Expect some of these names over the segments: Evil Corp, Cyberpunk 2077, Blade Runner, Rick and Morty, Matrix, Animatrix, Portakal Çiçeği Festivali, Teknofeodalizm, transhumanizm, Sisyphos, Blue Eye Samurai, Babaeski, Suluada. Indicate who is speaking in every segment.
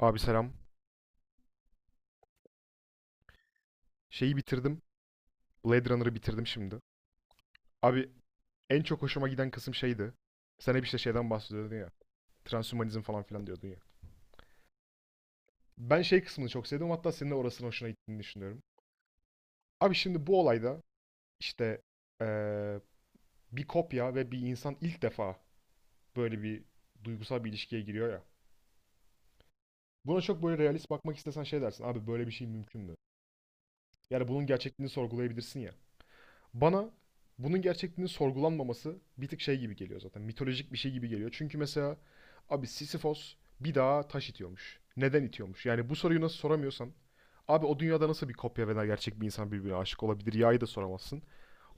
Speaker 1: Abi selam. Şeyi bitirdim. Blade Runner'ı bitirdim şimdi. Abi en çok hoşuma giden kısım şeydi. Sen hep işte şeyden bahsediyordun ya. Transhumanizm falan filan diyordun ya. Ben şey kısmını çok sevdim. Hatta senin de orasının hoşuna gittiğini düşünüyorum. Abi şimdi bu olayda işte eee, bir kopya ve bir insan ilk defa böyle bir duygusal bir ilişkiye giriyor ya. Buna çok böyle realist bakmak istesen şey dersin. Abi böyle bir şey mümkün mü? Yani bunun gerçekliğini sorgulayabilirsin ya. Bana bunun gerçekliğinin sorgulanmaması bir tık şey gibi geliyor zaten. Mitolojik bir şey gibi geliyor. Çünkü mesela abi Sisyphos bir dağa taş itiyormuş. Neden itiyormuş? Yani bu soruyu nasıl soramıyorsan abi o dünyada nasıl bir kopya veya gerçek bir insan birbirine aşık olabilir? Ya'yı da soramazsın.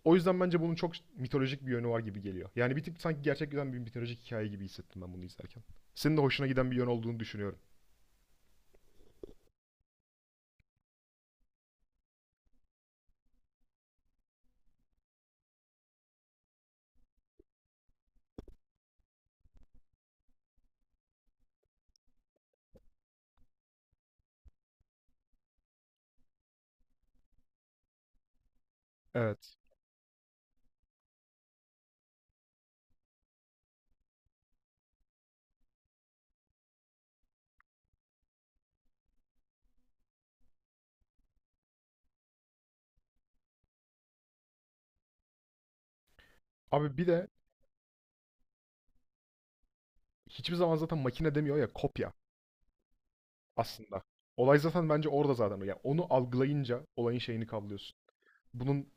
Speaker 1: O yüzden bence bunun çok mitolojik bir yönü var gibi geliyor. Yani bir tık sanki gerçek giden bir mitolojik hikaye gibi hissettim ben bunu izlerken. Senin de hoşuna giden bir yön olduğunu düşünüyorum. Evet. Abi bir de hiçbir zaman zaten makine demiyor ya kopya. Aslında. Olay zaten bence orada zaten. Yani onu algılayınca olayın şeyini kavrıyorsun. Bunun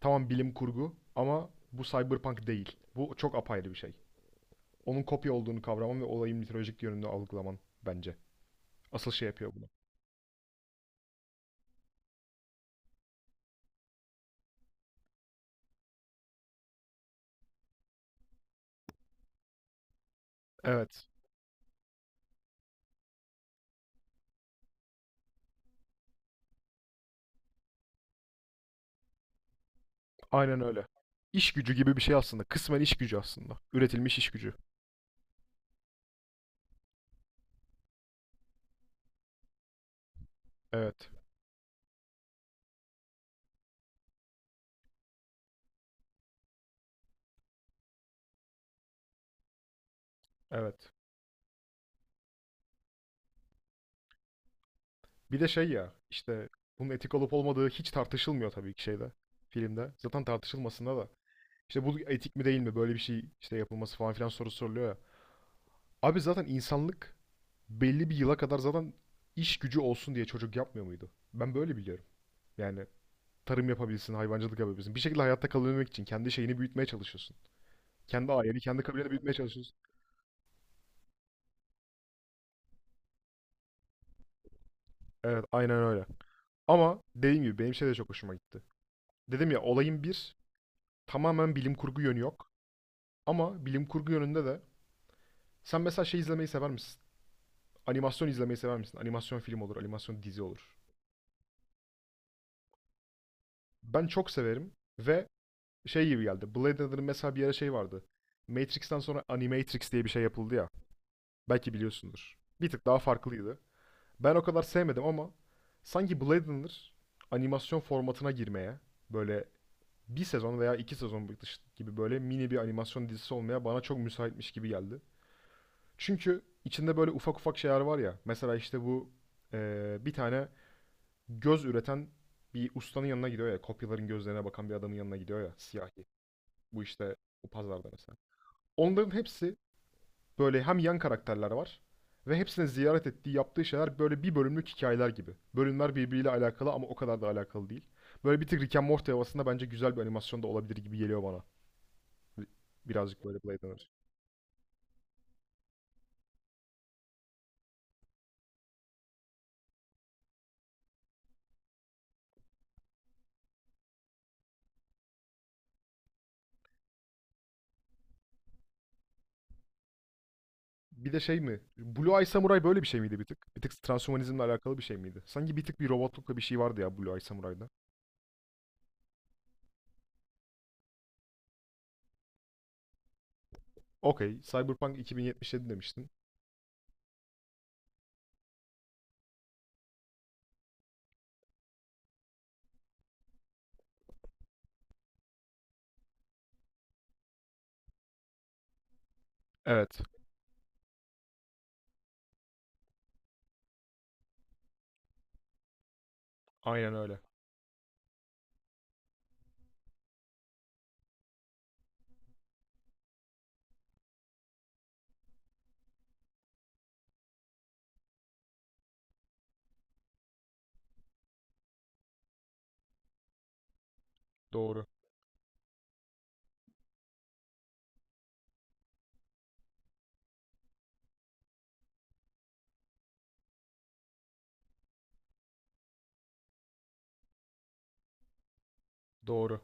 Speaker 1: tamam bilim kurgu ama bu cyberpunk değil. Bu çok apayrı bir şey. Onun kopya olduğunu kavraman ve olayın mitolojik yönünü algılaman bence. Asıl şey yapıyor bunu. Evet. Aynen öyle. İş gücü gibi bir şey aslında. Kısmen iş gücü aslında. Üretilmiş iş gücü. Evet. Evet. Bir de şey ya işte bunun etik olup olmadığı hiç tartışılmıyor tabii ki şeyde. Filmde. Zaten tartışılmasında da. İşte bu etik mi değil mi böyle bir şey işte yapılması falan filan soru soruluyor ya. Abi zaten insanlık belli bir yıla kadar zaten iş gücü olsun diye çocuk yapmıyor muydu? Ben böyle biliyorum. Yani tarım yapabilsin, hayvancılık yapabilsin. Bir şekilde hayatta kalabilmek için kendi şeyini büyütmeye çalışıyorsun. Kendi aileni, kendi kabileni büyütmeye çalışıyorsun. Evet, aynen öyle. Ama dediğim gibi benim şey de çok hoşuma gitti. Dedim ya olayın bir tamamen bilim kurgu yönü yok. Ama bilim kurgu yönünde de sen mesela şey izlemeyi sever misin? Animasyon izlemeyi sever misin? Animasyon film olur, animasyon dizi olur. Ben çok severim ve şey gibi geldi. Blade Runner'ın mesela bir ara şey vardı. Matrix'ten sonra Animatrix diye bir şey yapıldı ya. Belki biliyorsundur. Bir tık daha farklıydı. Ben o kadar sevmedim ama sanki Blade Runner animasyon formatına girmeye böyle bir sezon veya iki sezon gibi böyle mini bir animasyon dizisi olmaya bana çok müsaitmiş gibi geldi. Çünkü içinde böyle ufak ufak şeyler var ya. Mesela işte bu bir tane göz üreten bir ustanın yanına gidiyor ya. Kopyaların gözlerine bakan bir adamın yanına gidiyor ya. Siyah bu işte bu pazarda mesela. Onların hepsi böyle hem yan karakterler var ve hepsine ziyaret ettiği yaptığı şeyler böyle bir bölümlük hikayeler gibi. Bölümler birbiriyle alakalı ama o kadar da alakalı değil. Böyle bir tık Rick and Morty havasında bence güzel bir animasyon da olabilir gibi geliyor bana. Birazcık böyle Blade Runner. Bir de şey mi? Blue Eye Samurai böyle bir şey miydi bir tık? Bir tık transhumanizmle alakalı bir şey miydi? Sanki bir tık bir robotlukla bir şey vardı ya Blue Eye Samurai'da. Okey. Cyberpunk 2077 demiştin. Evet. Aynen öyle. Doğru. Doğru.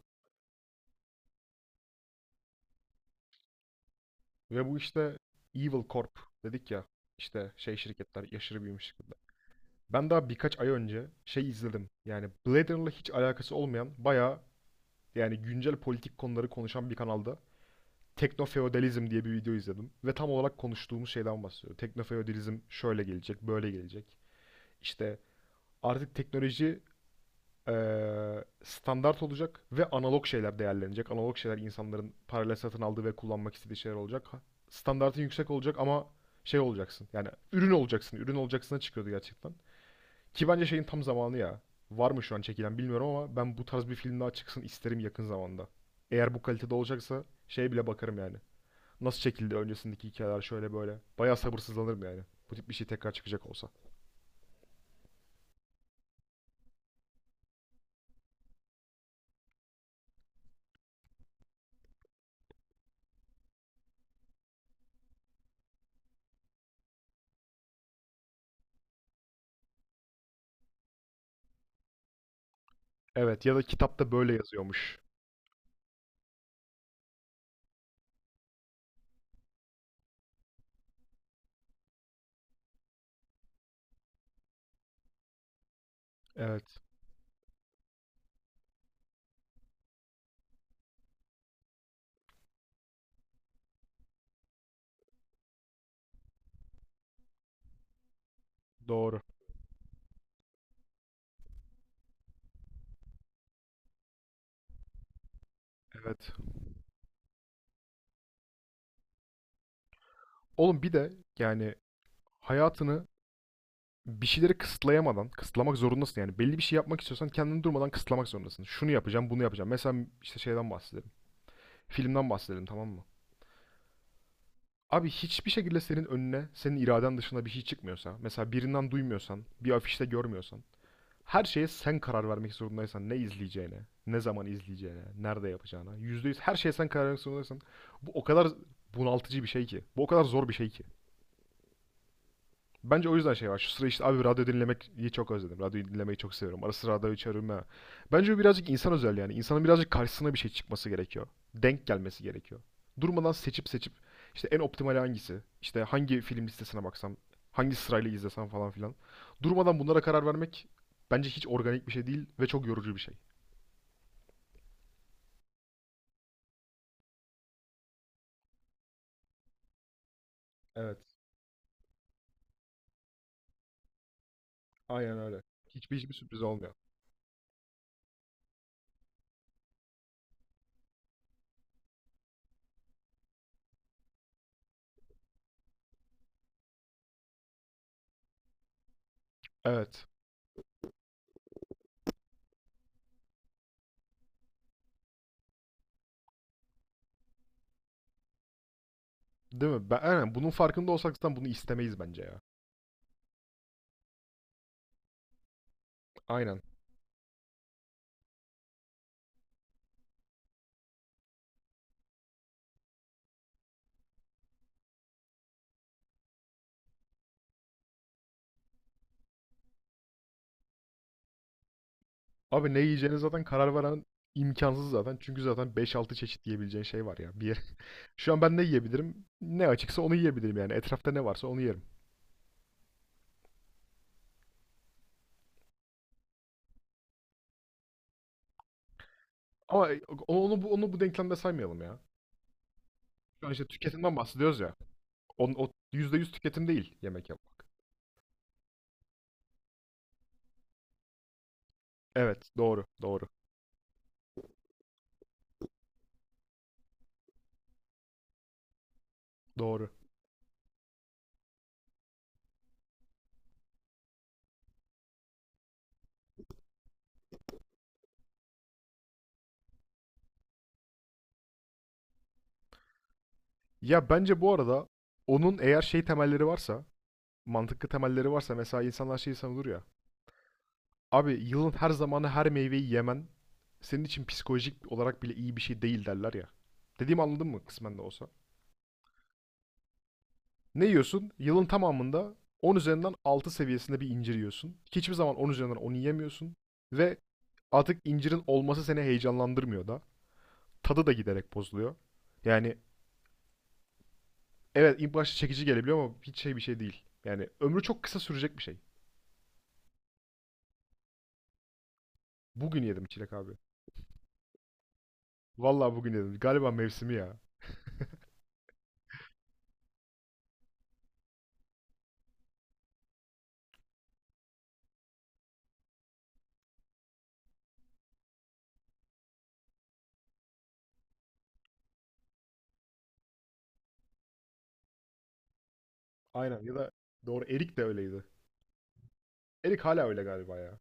Speaker 1: Ve bu işte Evil Corp dedik ya işte şey şirketler aşırı büyümüş şirketler. Ben daha birkaç ay önce şey izledim. Yani Blade Runner'la hiç alakası olmayan bayağı yani güncel politik konuları konuşan bir kanalda Teknofeodalizm diye bir video izledim. Ve tam olarak konuştuğumuz şeyden bahsediyor. Teknofeodalizm şöyle gelecek, böyle gelecek. İşte artık teknoloji standart olacak ve analog şeyler değerlenecek. Analog şeyler insanların parayla satın aldığı ve kullanmak istediği şeyler olacak. Standartın yüksek olacak ama şey olacaksın. Yani ürün olacaksın. Ürün olacaksına çıkıyordu gerçekten. Ki bence şeyin tam zamanı ya. Var mı şu an çekilen bilmiyorum ama ben bu tarz bir film daha çıksın isterim yakın zamanda. Eğer bu kalitede olacaksa şeye bile bakarım yani. Nasıl çekildi öncesindeki hikayeler şöyle böyle. Bayağı sabırsızlanırım yani. Bu tip bir şey tekrar çıkacak olsa. Evet ya da kitapta böyle yazıyormuş. Evet. Doğru. Evet. Oğlum bir de yani hayatını bir şeyleri kısıtlayamadan, kısıtlamak zorundasın yani. Belli bir şey yapmak istiyorsan kendini durmadan kısıtlamak zorundasın. Şunu yapacağım, bunu yapacağım. Mesela işte şeyden bahsedelim. Filmden bahsedelim tamam mı? Abi hiçbir şekilde senin önüne, senin iraden dışında bir şey çıkmıyorsa, mesela birinden duymuyorsan, bir afişte görmüyorsan, her şeye sen karar vermek zorundaysan ne izleyeceğine, ne zaman izleyeceğine, nerede yapacağına, %100 her şeye sen karar vermek zorundaysan bu o kadar bunaltıcı bir şey ki. Bu o kadar zor bir şey ki. Bence o yüzden şey var. Şu sıra işte abi radyo dinlemeyi çok özledim. Radyo dinlemeyi çok seviyorum. Ara sıra radyo açarım ha. Bence bu birazcık insan özel yani. İnsanın birazcık karşısına bir şey çıkması gerekiyor. Denk gelmesi gerekiyor. Durmadan seçip seçip işte en optimal hangisi? İşte hangi film listesine baksam? Hangi sırayla izlesem falan filan. Durmadan bunlara karar vermek bence hiç organik bir şey değil ve çok yorucu bir şey. Evet. Aynen öyle. Hiçbir sürpriz olmuyor. Evet. Değil mi? Ben, aynen bunun farkında olsak zaten bunu istemeyiz bence ya. Aynen. Abi ne yiyeceğine zaten karar veren imkansız zaten. Çünkü zaten beş altı çeşit yiyebileceğin şey var ya. Bir yer. Şu an ben ne yiyebilirim? Ne açıksa onu yiyebilirim yani. Etrafta ne varsa onu yerim. Ama onu bu denklemde saymayalım ya. Şu an işte tüketimden bahsediyoruz ya. O %100 tüketim değil yemek yapmak. Evet, doğru, doğru, doğru. Ya bence bu arada onun eğer şey temelleri varsa, mantıklı temelleri varsa mesela insanlar şeyi savunur ya. Abi yılın her zamanı her meyveyi yemen senin için psikolojik olarak bile iyi bir şey değil derler ya. Dediğimi anladın mı kısmen de olsa? Ne yiyorsun? Yılın tamamında 10 üzerinden 6 seviyesinde bir incir yiyorsun. Hiçbir zaman 10 üzerinden 10 yiyemiyorsun. Ve artık incirin olması seni heyecanlandırmıyor da. Tadı da giderek bozuluyor. Yani evet ilk başta çekici gelebiliyor ama hiç şey bir şey değil. Yani ömrü çok kısa sürecek bir şey. Bugün yedim çilek abi. Vallahi bugün yedim. Galiba mevsimi ya. Aynen ya da doğru erik de öyleydi. Erik hala öyle galiba ya.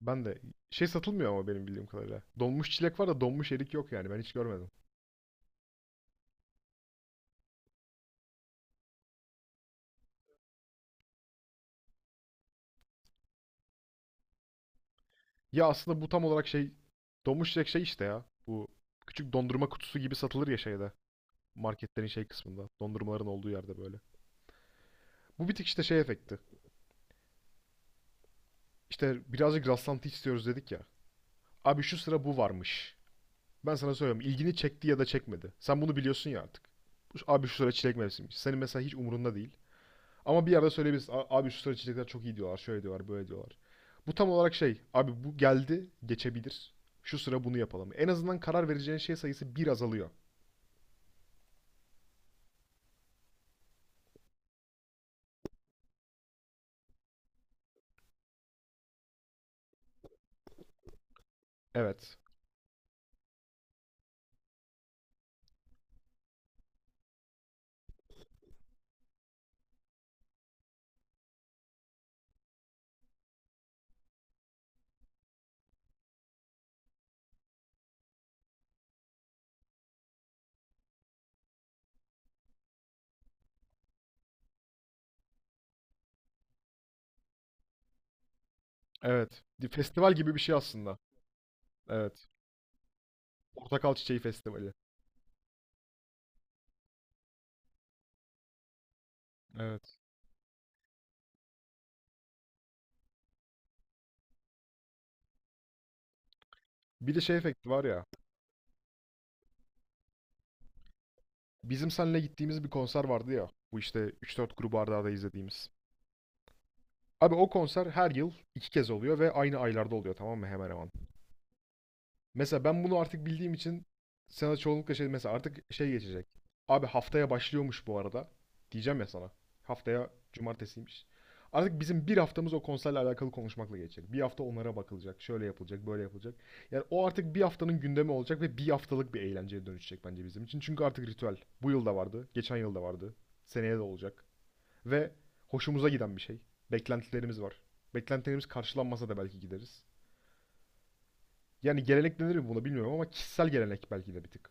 Speaker 1: Ben de şey satılmıyor ama benim bildiğim kadarıyla. Donmuş çilek var da donmuş erik yok yani ben hiç görmedim. Ya aslında bu tam olarak şey donmuş çilek şey işte ya. Bu küçük dondurma kutusu gibi satılır ya şeyde. Marketlerin şey kısmında. Dondurmaların olduğu yerde böyle. Bu bir tık işte şey efekti. İşte birazcık rastlantı istiyoruz dedik ya. Abi şu sıra bu varmış. Ben sana söylüyorum ilgini çekti ya da çekmedi. Sen bunu biliyorsun ya artık. Abi şu sıra çilek mevsimiymiş. Senin mesela hiç umurunda değil. Ama bir yerde söyleyebiliriz. Abi şu sıra içecekler çok iyi diyorlar. Şöyle diyorlar, böyle diyorlar. Bu tam olarak şey. Abi bu geldi, geçebilir. Şu sıra bunu yapalım. En azından karar vereceğin şey sayısı bir azalıyor. Evet. Evet. Festival gibi bir şey aslında. Evet. Portakal Çiçeği Festivali. Evet. Bir de şey efekti var ya. Bizim seninle gittiğimiz bir konser vardı ya. Bu işte üç dört grubu arda arda izlediğimiz. Abi o konser her yıl iki kez oluyor ve aynı aylarda oluyor tamam mı hemen hemen. Mesela ben bunu artık bildiğim için sana çoğunlukla şey mesela artık şey geçecek. Abi haftaya başlıyormuş bu arada. Diyeceğim ya sana. Haftaya cumartesiymiş. Artık bizim bir haftamız o konserle alakalı konuşmakla geçecek. Bir hafta onlara bakılacak. Şöyle yapılacak, böyle yapılacak. Yani o artık bir haftanın gündemi olacak ve bir haftalık bir eğlenceye dönüşecek bence bizim için. Çünkü artık ritüel. Bu yıl da vardı, geçen yıl da vardı. Seneye de olacak. Ve hoşumuza giden bir şey. Beklentilerimiz var. Beklentilerimiz karşılanmasa da belki gideriz. Yani gelenek denir mi buna bilmiyorum ama kişisel gelenek belki de bir tık.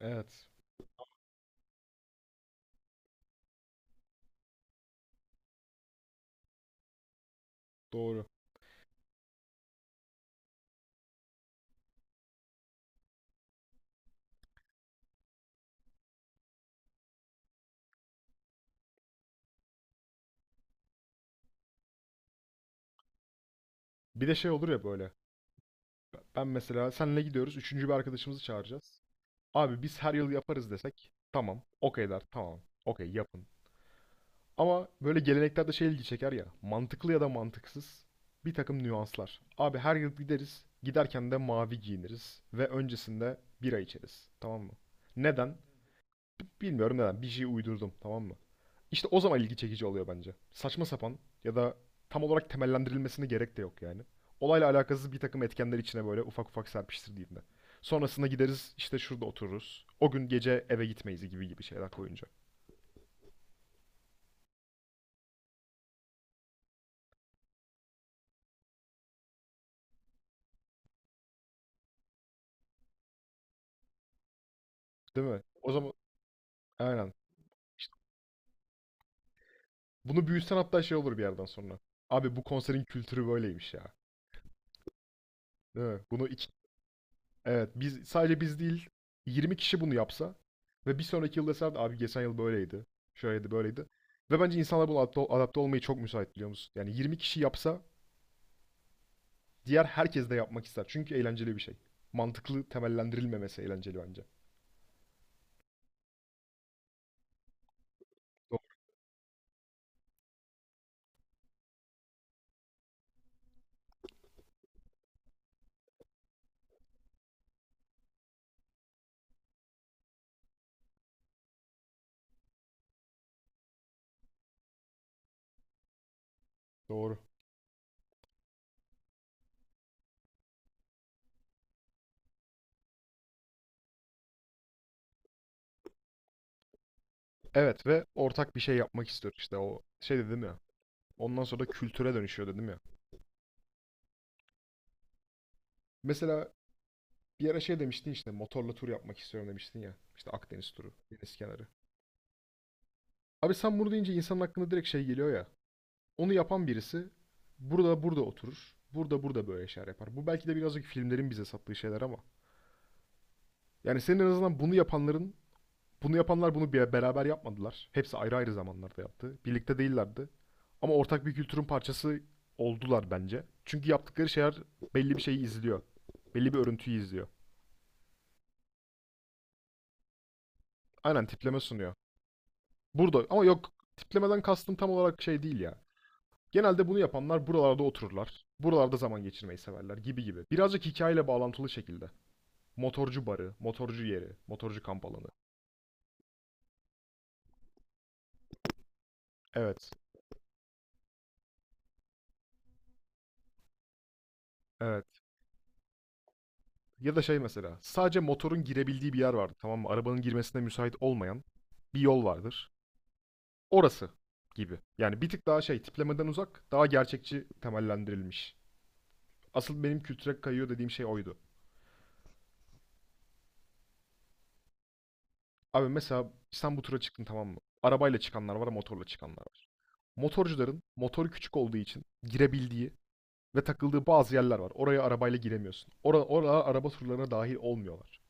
Speaker 1: Evet, doğru. Bir de şey olur ya böyle. Ben mesela senle gidiyoruz, üçüncü bir arkadaşımızı çağıracağız. Abi biz her yıl yaparız desek, tamam, okey der, tamam, okey yapın. Ama böyle geleneklerde şey ilgi çeker ya, mantıklı ya da mantıksız bir takım nüanslar. Abi her yıl gideriz, giderken de mavi giyiniriz ve öncesinde bira içeriz, tamam mı? Neden? Bilmiyorum neden. Bir şey uydurdum tamam mı? İşte o zaman ilgi çekici oluyor bence. Saçma sapan ya da tam olarak temellendirilmesine gerek de yok yani. Olayla alakasız bir takım etkenler içine böyle ufak ufak serpiştirdiğinde. Sonrasında gideriz işte şurada otururuz. O gün gece eve gitmeyiz gibi gibi şeyler koyunca. Değil mi? O zaman aynen. İşte bunu büyütsen hatta şey olur bir yerden sonra. Abi bu konserin kültürü böyleymiş ya. Değil mi? Bunu. Evet, biz sadece biz değil, 20 kişi bunu yapsa ve bir sonraki yıl deseler abi geçen yıl böyleydi. Şöyleydi böyleydi. Ve bence insanlar buna adapte olmayı çok müsait biliyor musun? Yani 20 kişi yapsa diğer herkes de yapmak ister. Çünkü eğlenceli bir şey. Mantıklı temellendirilmemesi eğlenceli bence. Doğru. Doğru. Evet ve ortak bir şey yapmak istiyor işte o şey dedim ya. Ondan sonra da kültüre dönüşüyor dedim ya. Mesela bir ara şey demiştin işte motorla tur yapmak istiyorum demiştin ya. İşte Akdeniz turu, deniz kenarı. Abi sen bunu deyince insanın aklına direkt şey geliyor ya. Onu yapan birisi burada burada oturur. Burada burada böyle şeyler yapar. Bu belki de birazcık filmlerin bize sattığı şeyler ama. Yani senin en azından bunu yapanların, bunu yapanlar bunu bir beraber yapmadılar. Hepsi ayrı ayrı zamanlarda yaptı. Birlikte değillerdi. Ama ortak bir kültürün parçası oldular bence. Çünkü yaptıkları şeyler belli bir şeyi izliyor. Belli bir örüntüyü izliyor. Aynen tipleme sunuyor. Burada ama yok tiplemeden kastım tam olarak şey değil ya. Genelde bunu yapanlar buralarda otururlar. Buralarda zaman geçirmeyi severler gibi gibi. Birazcık hikayeyle bağlantılı şekilde. Motorcu barı, motorcu yeri, motorcu kamp alanı. Evet, evet. Ya da şey mesela, sadece motorun girebildiği bir yer vardır. Tamam mı? Arabanın girmesine müsait olmayan bir yol vardır. Orası gibi. Yani bir tık daha şey, tiplemeden uzak, daha gerçekçi temellendirilmiş. Asıl benim kültüre kayıyor dediğim şey oydu. Abi mesela İstanbul tura çıktın tamam mı? Arabayla çıkanlar var, motorla çıkanlar var. Motorcuların motoru küçük olduğu için girebildiği ve takıldığı bazı yerler var. Oraya arabayla giremiyorsun. Oraya araba turlarına dahil olmuyorlar.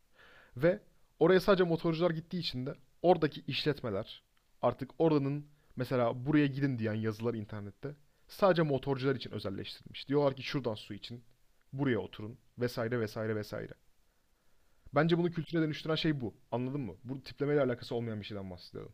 Speaker 1: Ve oraya sadece motorcular gittiği için de oradaki işletmeler artık oranın mesela buraya gidin diyen yazılar internette sadece motorcular için özelleştirilmiş. Diyorlar ki şuradan su için buraya oturun vesaire vesaire vesaire. Bence bunu kültüre dönüştüren şey bu. Anladın mı? Bu tiplemeyle alakası olmayan bir şeyden bahsediyorum.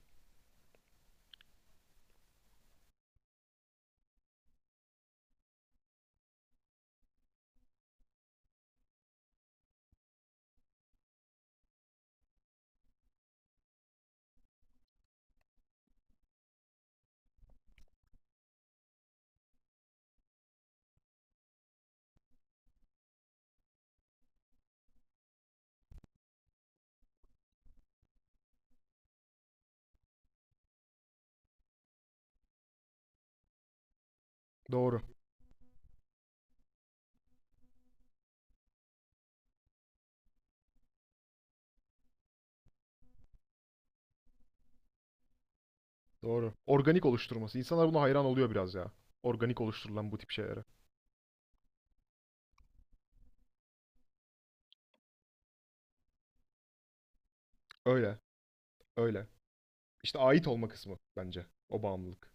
Speaker 1: Doğru. Doğru. Organik oluşturması. İnsanlar buna hayran oluyor biraz ya. Organik oluşturulan bu tip şeylere. Öyle. Öyle. İşte ait olma kısmı bence. O bağımlılık.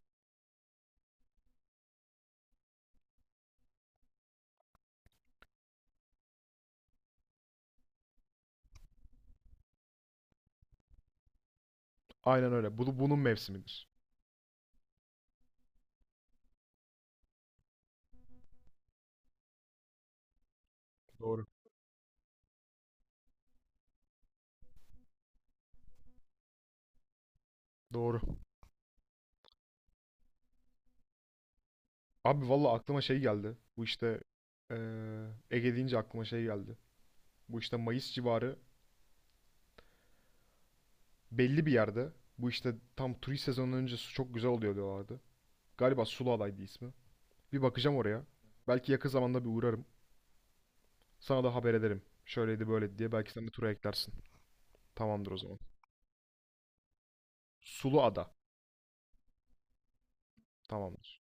Speaker 1: Aynen öyle. Bunun mevsimidir. Doğru. Doğru. Abi valla aklıma şey geldi. Bu işte eee Ege deyince aklıma şey geldi. Bu işte Mayıs civarı belli bir yerde. Bu işte tam turist sezonundan önce su çok güzel oluyor diyorlardı. Galiba Suluada'ydı ismi. Bir bakacağım oraya. Belki yakın zamanda bir uğrarım. Sana da haber ederim. Şöyleydi böyleydi diye. Belki sen de tura eklersin. Tamamdır o zaman. Suluada. Tamamdır.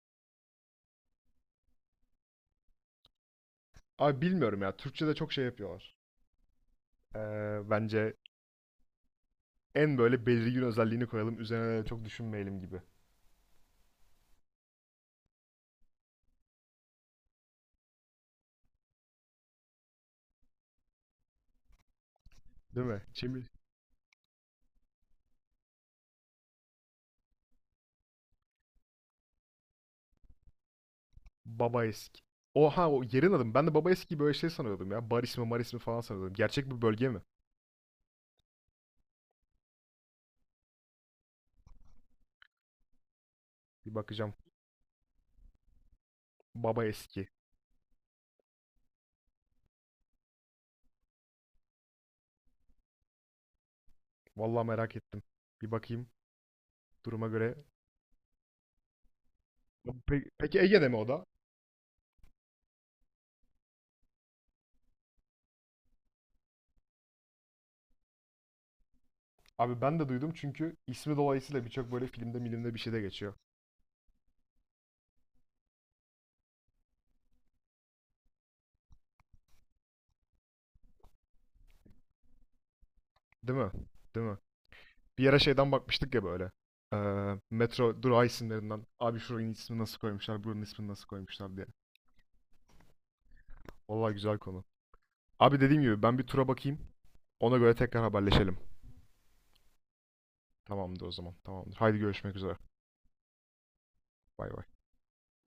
Speaker 1: Abi bilmiyorum ya. Türkçe'de çok şey yapıyorlar. Bence en böyle belirgin özelliğini koyalım. Üzerine de çok düşünmeyelim gibi. Değil mi? Çevir- Babaeski. Oha o yerin adı mı? Ben de Babaeski'yi böyle şey sanıyordum ya. Bar ismi, mar ismi falan sanıyordum. Gerçek bir bölge mi? Bir bakacağım. Babaeski. Vallahi merak ettim. Bir bakayım duruma göre. Peki Ege'de mi o da? Abi ben de duydum çünkü ismi dolayısıyla birçok böyle filmde milimde bir şeyde geçiyor. Değil mi? Değil mi? Bir yere şeyden bakmıştık ya böyle. Metro durağı isimlerinden. Abi şuranın ismini nasıl koymuşlar, buranın ismini nasıl koymuşlar diye. Vallahi güzel konu. Abi dediğim gibi ben bir tura bakayım. Ona göre tekrar haberleşelim. Tamamdır o zaman. Tamamdır. Haydi görüşmek üzere. Bay bay.